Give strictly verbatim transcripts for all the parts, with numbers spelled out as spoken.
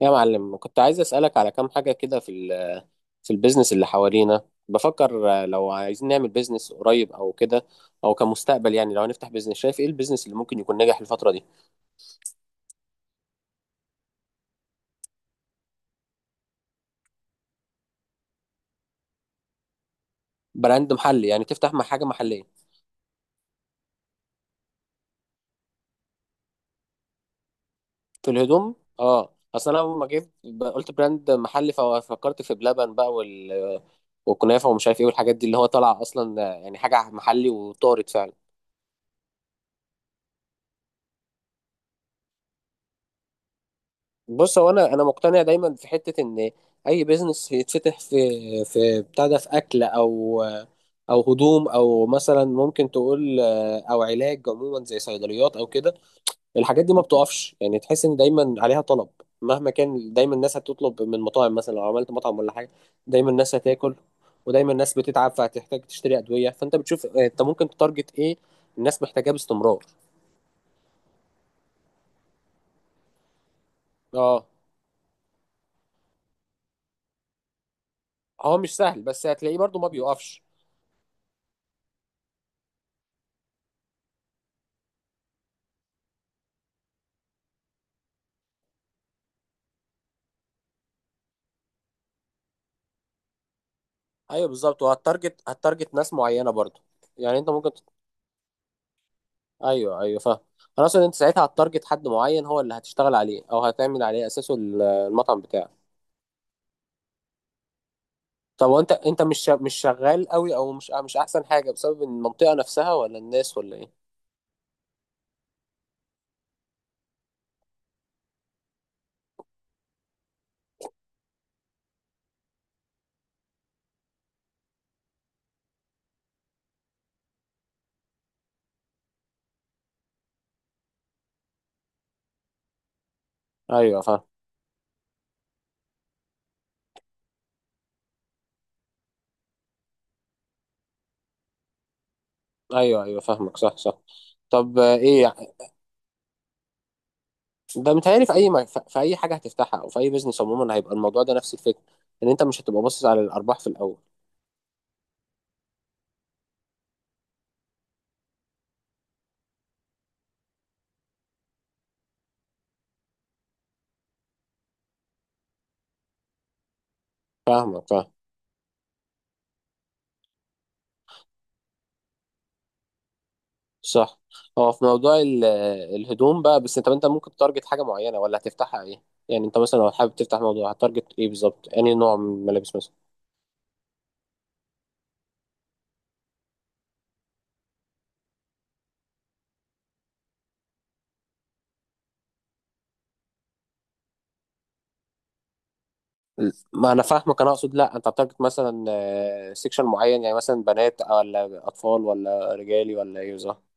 يا معلم، كنت عايز أسألك على كام حاجة كده في ال في البيزنس اللي حوالينا. بفكر آه، لو عايزين نعمل بيزنس قريب أو كده، أو كمستقبل. يعني لو هنفتح بيزنس، شايف إيه البيزنس اللي ممكن يكون ناجح الفترة دي؟ براند محلي، يعني تفتح مع حاجة محلية. في الهدوم. اه، أصل أنا لما جيت ب- قلت براند محلي، ففكرت في بلبن بقى وال- والكنافة ومش عارف إيه، والحاجات دي اللي هو طالعة أصلا آه، يعني حاجة محلي، وطارت فعلا. بص، هو انا انا مقتنع دايما في حته ان اي بيزنس يتفتح في في بتاع ده، في اكل او او هدوم، او مثلا ممكن تقول آه، او علاج عموما زي صيدليات او كده، الحاجات دي ما بتقفش. يعني تحس ان دايما عليها طلب مهما كان. دايما الناس هتطلب من مطاعم، مثلا لو عملت مطعم ولا حاجه، دايما الناس هتاكل. ودايما الناس بتتعب، فهتحتاج تشتري ادويه. فانت بتشوف آه، انت ممكن تتارجت ايه؟ الناس محتاجاه باستمرار. اه، هو مش سهل، بس هتلاقيه برضو ما بيقفش. ايوه، بالظبط، وهتارجت هتارجت ناس معينه برضو. يعني انت ممكن تت- ايوه، ايوه، فاهم. انا اقصد انت ساعتها هتارجت حد معين هو اللي هتشتغل عليه او هتعمل عليه اساسه ال- المطعم بتاعك. طب وانت انت مش شا- مش شغال قوي، او مش مش احسن حاجه، بسبب المنطقه نفسها ولا الناس ولا ايه؟ ايوه، فاهم. ايوه، ايوه، فاهمك. صح، صح. طب، آه، ايه يع- ده متهيألي في اي م- ف- في اي حاجه هتفتحها، او في اي بزنس عموما، هيبقى الموضوع ده نفس الفكره، ان انت مش هتبقى باصص على الارباح في الاول. فاهمك، فاهم. صح. هو في موضوع ال- الهدوم بقى، بس انت انت ممكن تارجت حاجه معينه، ولا هتفتحها ايه؟ يعني انت مثلا لو حابب تفتح موضوع، هتارجت ايه بالظبط؟ يعني نوع من الملابس مثلا. ما انا فاهمك. انا اقصد، لا، انت هتارجت مثلا آه، سيكشن معين. يعني مثلا بنات، ولا اطفال، ولا رجالي، ولا ايه بالظبط؟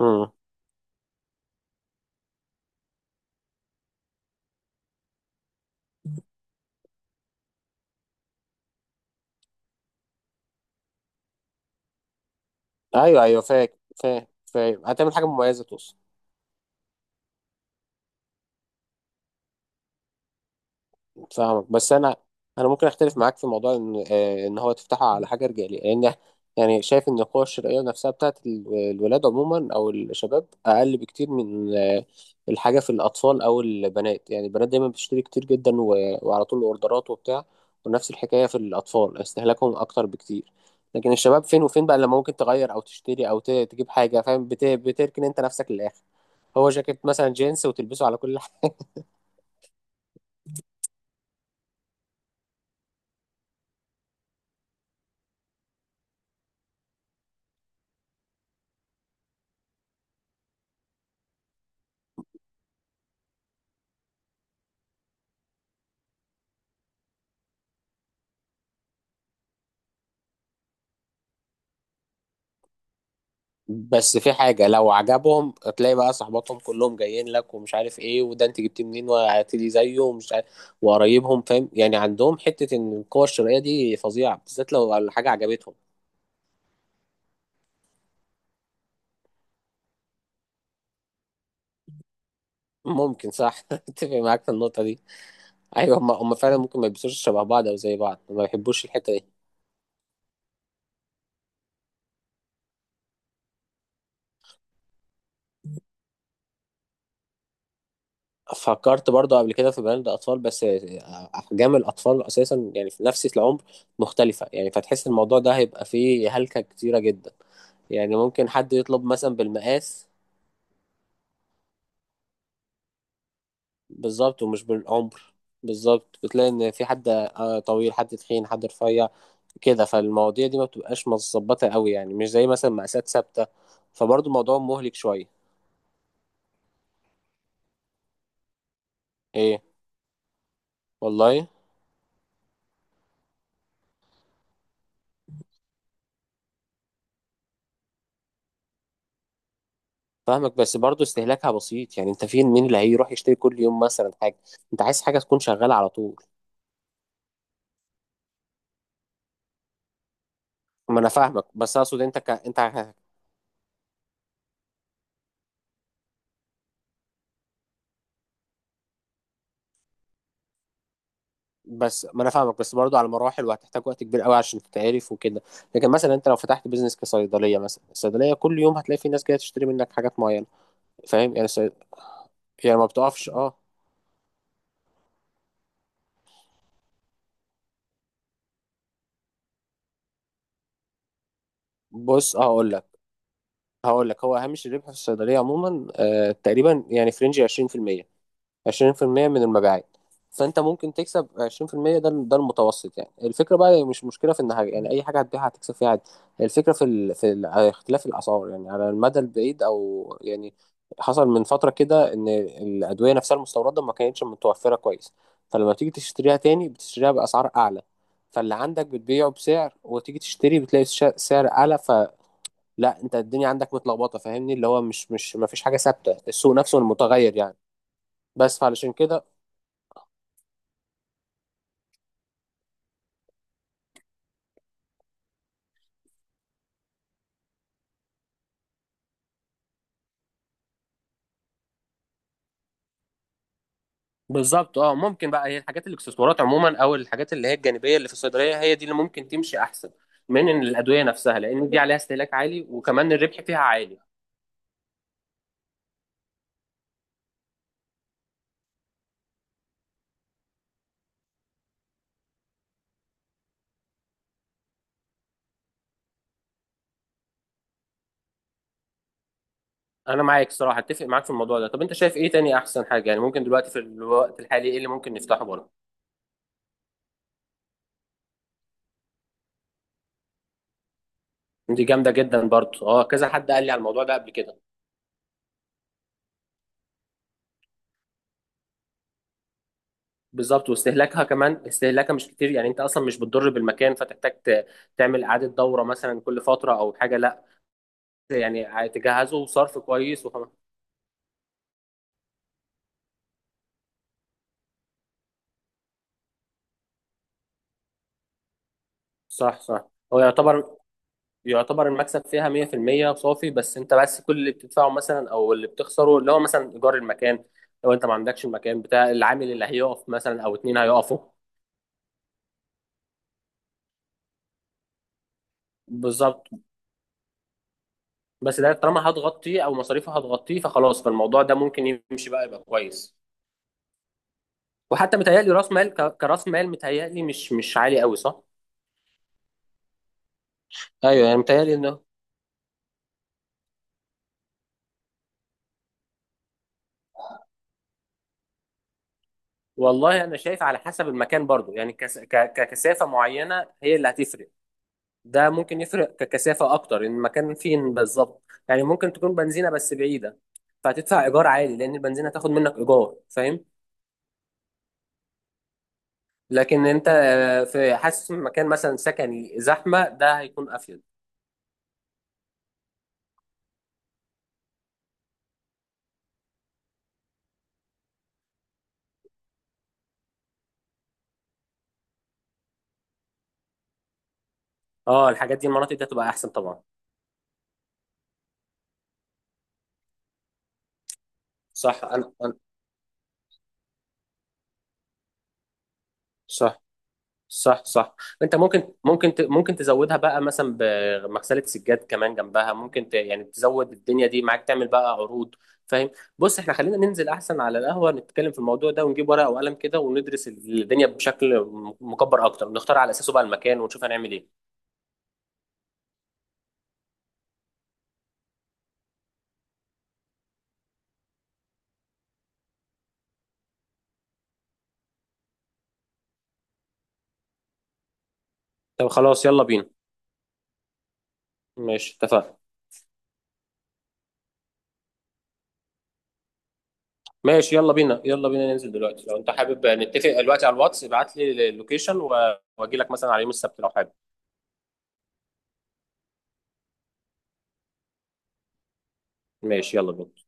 امم ايوه، ايوه، فاهم. فاهم، فاهم. هتعمل حاجه مميزه، توصل. فاهمك. بس انا انا ممكن اختلف معاك في موضوع ان آه، ان هو تفتحه على حاجه رجاليه. لان يعني شايف ان القوى الشرائيه نفسها بتاعت ال- الولاد عموما او الشباب اقل بكتير من آه، الحاجه في الاطفال او البنات. يعني البنات دايما بتشتري كتير جدا و- وعلى طول اوردرات وبتاع. ونفس الحكايه في الاطفال استهلاكهم اكتر بكتير. لكن الشباب فين وفين بقى لما ممكن تغير او تشتري او ت- تجيب حاجه، فاهم؟ بت- بتركن انت نفسك للاخر. هو جاكيت مثلا جينز، وتلبسه على كل. بس في حاجة، لو عجبهم هتلاقي بقى صحباتهم كلهم جايين لك، ومش عارف ايه، وده انت جبتيه منين، وهاتلي زيه، ومش عارف، وقرايبهم فاهم. يعني عندهم حتة ان القوة الشرائية دي فظيعة، بالذات لو الحاجة عجبتهم. ممكن، صح. اتفق معاك في النقطة دي. ايوه، هم هم فعلا ممكن ما يلبسوش شبه بعض او زي بعض، ما بيحبوش الحتة دي. فكرت برضو قبل كده في براند اطفال، بس احجام الاطفال اساسا يعني في نفس العمر مختلفه. يعني فتحس الموضوع ده هيبقى فيه هلكه كتيره جدا. يعني ممكن حد يطلب مثلا بالمقاس بالظبط، ومش بالعمر. بالظبط، بتلاقي ان في حد آه، طويل، حد تخين، حد رفيع كده. فالمواضيع دي ما بتبقاش متظبطه قوي. يعني مش زي مثلا مقاسات ثابته. فبرضو الموضوع مهلك شويه. ايه، والله. فاهمك، بس برضه استهلاكها بسيط. يعني انت فين مين اللي هيروح يشتري كل يوم مثلا حاجه؟ انت عايز حاجه تكون شغاله على طول. ما انا فاهمك، بس اقصد انت ك... انت ه- بس ما انا فاهمك، بس برضه على مراحل، وهتحتاج وقت كبير قوي عشان تتعرف وكده. لكن مثلا انت لو فتحت بيزنس كصيدليه مثلا، الصيدليه كل يوم هتلاقي في ناس جايه تشتري منك حاجات معينه. فاهم؟ يعني صي... يعني ما بتقفش. اه. بص، اه، هقول لك هقول لك هو هامش الربح في الصيدليه عموما آه تقريبا يعني في رينج عشرين في المية، عشرين في المية من المبيعات. فانت ممكن تكسب عشرين في المية، ده ده المتوسط. يعني الفكره بقى هي مش مشكله في النهايه. يعني اي حاجه هتبيعها هتكسب فيها عادي. الفكره في ال... في ال... اختلاف الاسعار، يعني على المدى البعيد. او يعني حصل من فتره كده ان الادويه نفسها المستورده ما كانتش متوفره كويس، فلما تيجي تشتريها تاني بتشتريها باسعار اعلى. فاللي عندك بتبيعه بسعر، وتيجي تشتري بتلاقي الش- سعر اعلى. فلا، انت الدنيا عندك متلخبطه، فاهمني، اللي هو مش مش ما فيش حاجه ثابته، السوق نفسه متغير يعني. بس فعلشان كده بالظبط. اه، ممكن بقى هي الحاجات، الاكسسوارات عموما، او الحاجات اللي هي الجانبيه اللي في الصيدليه، هي دي اللي ممكن تمشي احسن من إن الادويه نفسها، لان دي عليها استهلاك عالي وكمان الربح فيها عالي. انا معاك، صراحه اتفق معاك في الموضوع ده. طب انت شايف ايه تاني احسن حاجه؟ يعني ممكن دلوقتي في الوقت الحالي ايه اللي ممكن نفتحه برضه؟ دي جامده جدا برضه، اه، كذا حد قال لي على الموضوع ده قبل كده. بالظبط، واستهلاكها كمان استهلاكها مش كتير. يعني انت اصلا مش بتضر بالمكان، فتحتاج ت- تعمل اعاده دوره مثلا كل فتره او حاجه. لا، يعني تجهزه وصرف كويس. صح، صح. هو يعتبر يعتبر المكسب فيها مية في المية صافي. بس انت، بس كل اللي بتدفعه مثلا او اللي بتخسره اللي هو مثلا ايجار المكان، لو انت ما عندكش المكان، بتاع العامل اللي هيقف مثلا او اتنين هيقفوا. بالظبط. بس ده طالما هتغطيه، او مصاريفه هتغطيه فخلاص، فالموضوع ده ممكن يمشي بقى، يبقى كويس. وحتى متهيألي راس مال ك- كراس مال متهيألي مش مش عالي قوي، صح؟ ايوه، يعني متهيألي انه. والله انا شايف على حسب المكان برضو. يعني كس... ك... ككثافه معينه هي اللي هتفرق. ده ممكن يفرق ككثافة أكتر، إن المكان فين بالظبط. يعني ممكن تكون بنزينة بس بعيدة، فهتدفع إيجار عالي، لأن البنزينة هتاخد منك إيجار، فاهم؟ لكن أنت آه، في حاسس إن مكان مثلا سكني زحمة ده هيكون أفيد. أه، الحاجات دي، المناطق دي هتبقى أحسن طبعا. صح. أنا أنا صح، صح، صح. انت ممكن ممكن ت- ممكن تزودها بقى مثلا بمغسله سجاد كمان جنبها. ممكن ت... يعني تزود الدنيا دي معاك، تعمل بقى عروض، فاهم؟ بص، احنا خلينا ننزل احسن على القهوه، نتكلم في الموضوع ده، ونجيب ورقه وقلم كده، وندرس الدنيا بشكل م- مكبر اكتر، ونختار على اساسه بقى المكان، ونشوف هنعمل ايه. طب خلاص، يلا بينا. ماشي، اتفقنا. ماشي، يلا بينا، يلا بينا ننزل دلوقتي. لو انت حابب نتفق دلوقتي على الواتس، ابعت لي اللوكيشن و- واجي لك مثلا على يوم السبت لو حابب. ماشي، يلا بينا.